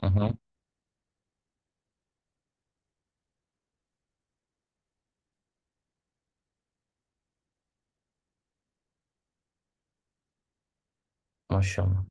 Hı hı, maşallah.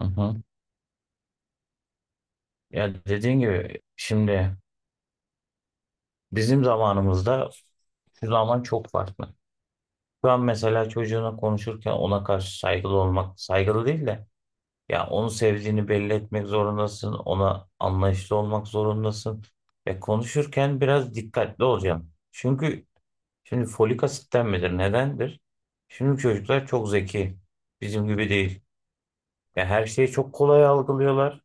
Hı hı. Ya dediğin gibi şimdi bizim zamanımızda şu zaman çok farklı. Şu an mesela çocuğuna konuşurken ona karşı saygılı olmak, saygılı değil de ya onu sevdiğini belli etmek zorundasın, ona anlayışlı olmak zorundasın ve konuşurken biraz dikkatli olacaksın. Çünkü şimdi folik asitten midir, nedendir? Şimdi çocuklar çok zeki, bizim gibi değil. Ya her şeyi çok kolay algılıyorlar.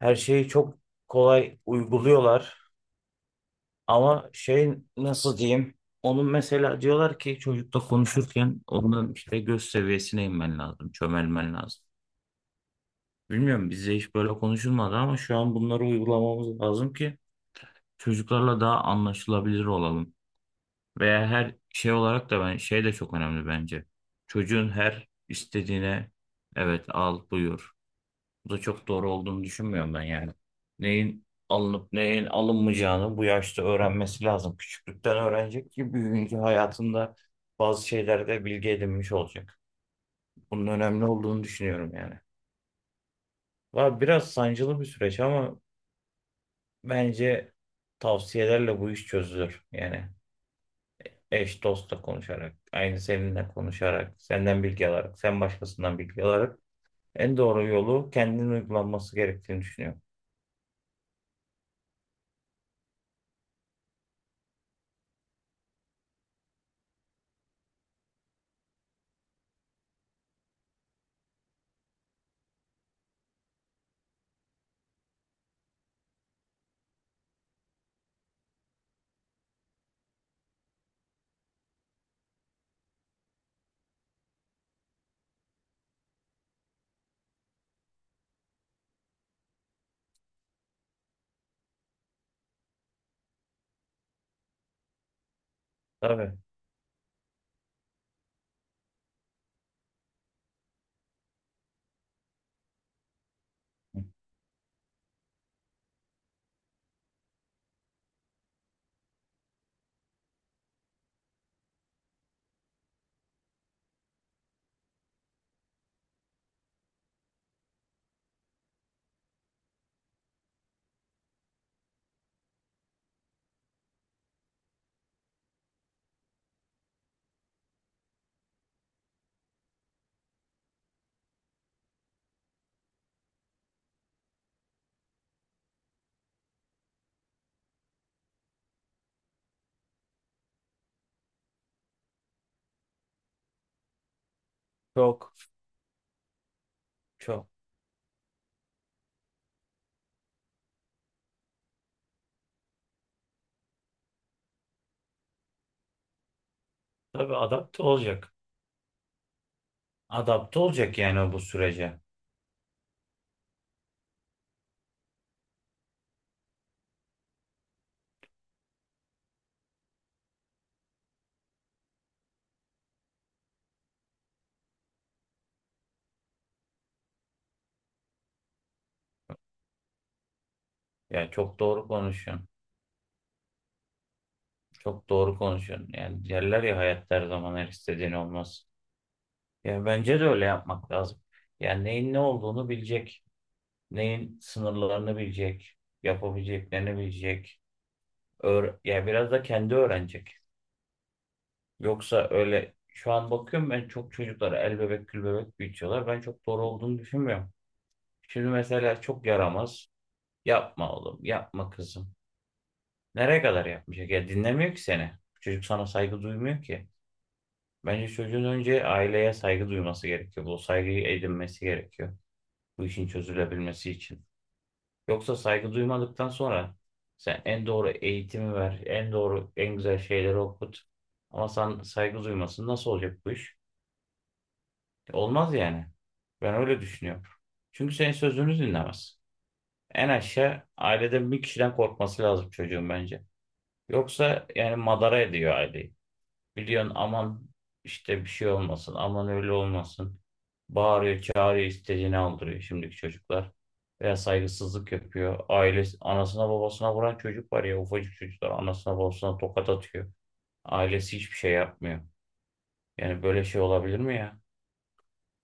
Her şeyi çok kolay uyguluyorlar. Ama şey nasıl diyeyim? Onun mesela diyorlar ki çocukla konuşurken onun işte göz seviyesine inmen lazım, çömelmen lazım. Bilmiyorum bizde hiç böyle konuşulmadı ama şu an bunları uygulamamız lazım ki çocuklarla daha anlaşılabilir olalım. Veya her şey olarak da ben şey de çok önemli bence. Çocuğun her istediğine evet al buyur. Bu da çok doğru olduğunu düşünmüyorum ben yani. Neyin alınıp neyin alınmayacağını bu yaşta öğrenmesi lazım. Küçüklükten öğrenecek ki büyüyünce hayatında bazı şeylerde bilgi edinmiş olacak. Bunun önemli olduğunu düşünüyorum yani. Var biraz sancılı bir süreç ama bence tavsiyelerle bu iş çözülür. Yani eş dostla konuşarak, aynı seninle konuşarak, senden bilgi alarak, sen başkasından bilgi alarak en doğru yolu kendinin uygulanması gerektiğini düşünüyorum. Tabii. Çok, çok. Tabii adapte olacak. Adapte olacak yani bu sürece. Ya çok doğru konuşuyorsun. Çok doğru konuşuyorsun. Yani derler ya hayatta her zaman her istediğin olmaz. Yani bence de öyle yapmak lazım. Yani neyin ne olduğunu bilecek. Neyin sınırlarını bilecek. Yapabileceklerini bilecek. Yani biraz da kendi öğrenecek. Yoksa öyle şu an bakıyorum ben çok çocuklara el bebek gül bebek büyütüyorlar. Ben çok doğru olduğunu düşünmüyorum. Şimdi mesela çok yaramaz. Yapma oğlum, yapma kızım. Nereye kadar yapmayacak? Ya dinlemiyor ki seni. Çocuk sana saygı duymuyor ki. Bence çocuğun önce aileye saygı duyması gerekiyor. Bu saygıyı edinmesi gerekiyor. Bu işin çözülebilmesi için. Yoksa saygı duymadıktan sonra sen en doğru eğitimi ver, en doğru, en güzel şeyleri okut. Ama sen saygı duymasın nasıl olacak bu iş? Olmaz yani. Ben öyle düşünüyorum. Çünkü senin sözünü dinlemez. En aşağı aileden bir kişiden korkması lazım çocuğun bence. Yoksa yani madara ediyor aileyi. Biliyorsun aman işte bir şey olmasın, aman öyle olmasın. Bağırıyor, çağırıyor, istediğini aldırıyor şimdiki çocuklar. Veya saygısızlık yapıyor. Ailesi, anasına babasına vuran çocuk var ya ufacık çocuklar anasına babasına tokat atıyor. Ailesi hiçbir şey yapmıyor. Yani böyle şey olabilir mi ya?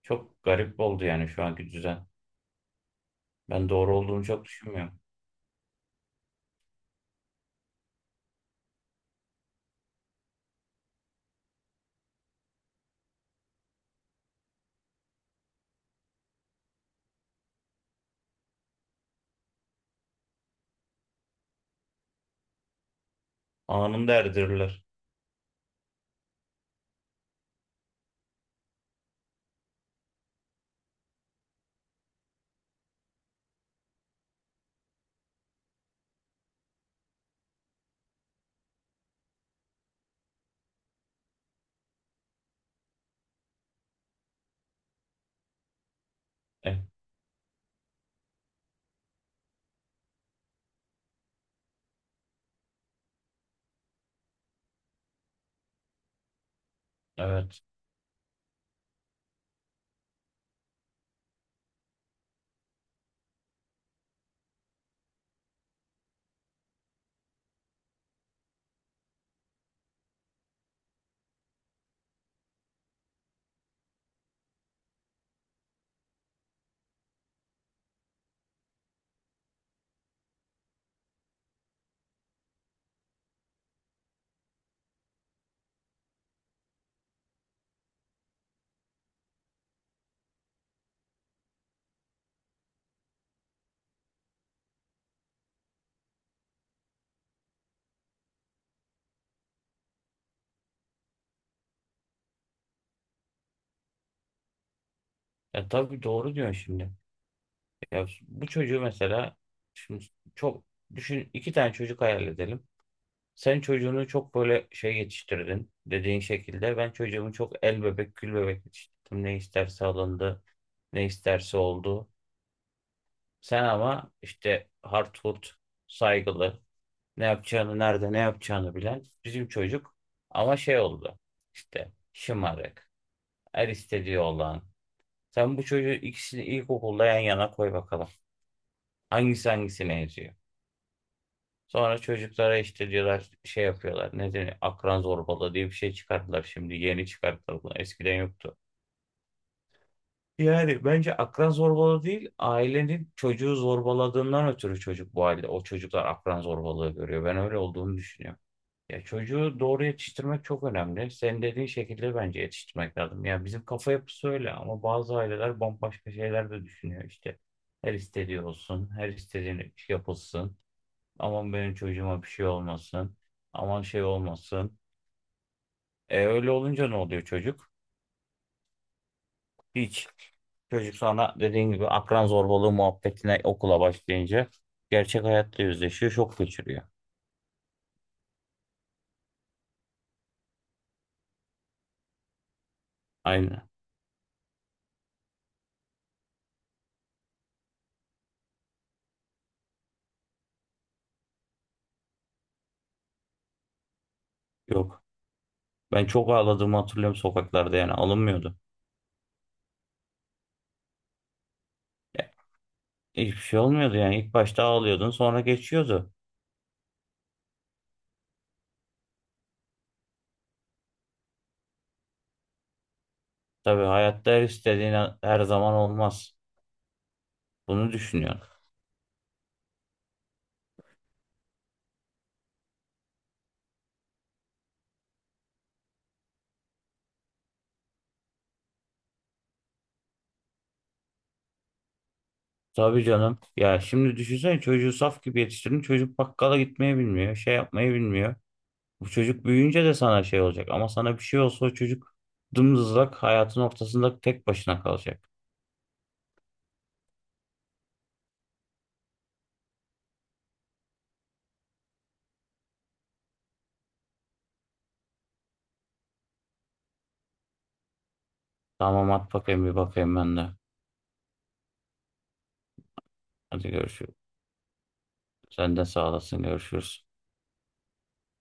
Çok garip oldu yani şu anki düzen. Ben doğru olduğunu çok düşünmüyorum. Anında erdirirler. E, evet. Tabii doğru diyorsun şimdi. Ya bu çocuğu mesela şimdi çok düşün iki tane çocuk hayal edelim. Sen çocuğunu çok böyle şey yetiştirdin dediğin şekilde. Ben çocuğumu çok el bebek gül bebek yetiştirdim. Ne isterse alındı, ne isterse oldu. Sen ama işte hardcore, saygılı, ne yapacağını, nerede ne yapacağını bilen bizim çocuk. Ama şey oldu işte şımarık, her istediği olan. Sen bu çocuğu ikisini ilkokulda yan yana koy bakalım. Hangisi hangisine yazıyor? Sonra çocuklara işte diyorlar şey yapıyorlar. Ne deniyor? Akran zorbalığı diye bir şey çıkarttılar şimdi. Yeni çıkarttılar bunu. Eskiden yoktu. Yani bence akran zorbalığı değil, ailenin çocuğu zorbaladığından ötürü çocuk bu halde. O çocuklar akran zorbalığı görüyor. Ben öyle olduğunu düşünüyorum. Ya çocuğu doğru yetiştirmek çok önemli. Senin dediğin şekilde bence yetiştirmek lazım. Ya bizim kafa yapısı öyle ama bazı aileler bambaşka şeyler de düşünüyor işte. Her istediği olsun, her istediğini yapılsın. Aman benim çocuğuma bir şey olmasın. Aman şey olmasın. Öyle olunca ne oluyor çocuk? Hiç. Çocuk sana dediğin gibi akran zorbalığı muhabbetine okula başlayınca gerçek hayatta yüzleşiyor, şok geçiriyor. Aynen. Yok. Ben çok ağladığımı hatırlıyorum sokaklarda yani alınmıyordu. Ya, Hiçbir şey olmuyordu yani. İlk başta ağlıyordun sonra geçiyordu. Tabii hayatta her istediğin her zaman olmaz. Bunu düşünüyorum. Tabii canım. Ya şimdi düşünsene çocuğu saf gibi yetiştirdin. Çocuk bakkala gitmeyi bilmiyor. Şey yapmayı bilmiyor. Bu çocuk büyüyünce de sana şey olacak. Ama sana bir şey olsa o çocuk dımdızlak hayatın ortasında tek başına kalacak. Tamam at bakayım bir bakayım ben de. Hadi görüşürüz. Sen de sağ olasın görüşürüz.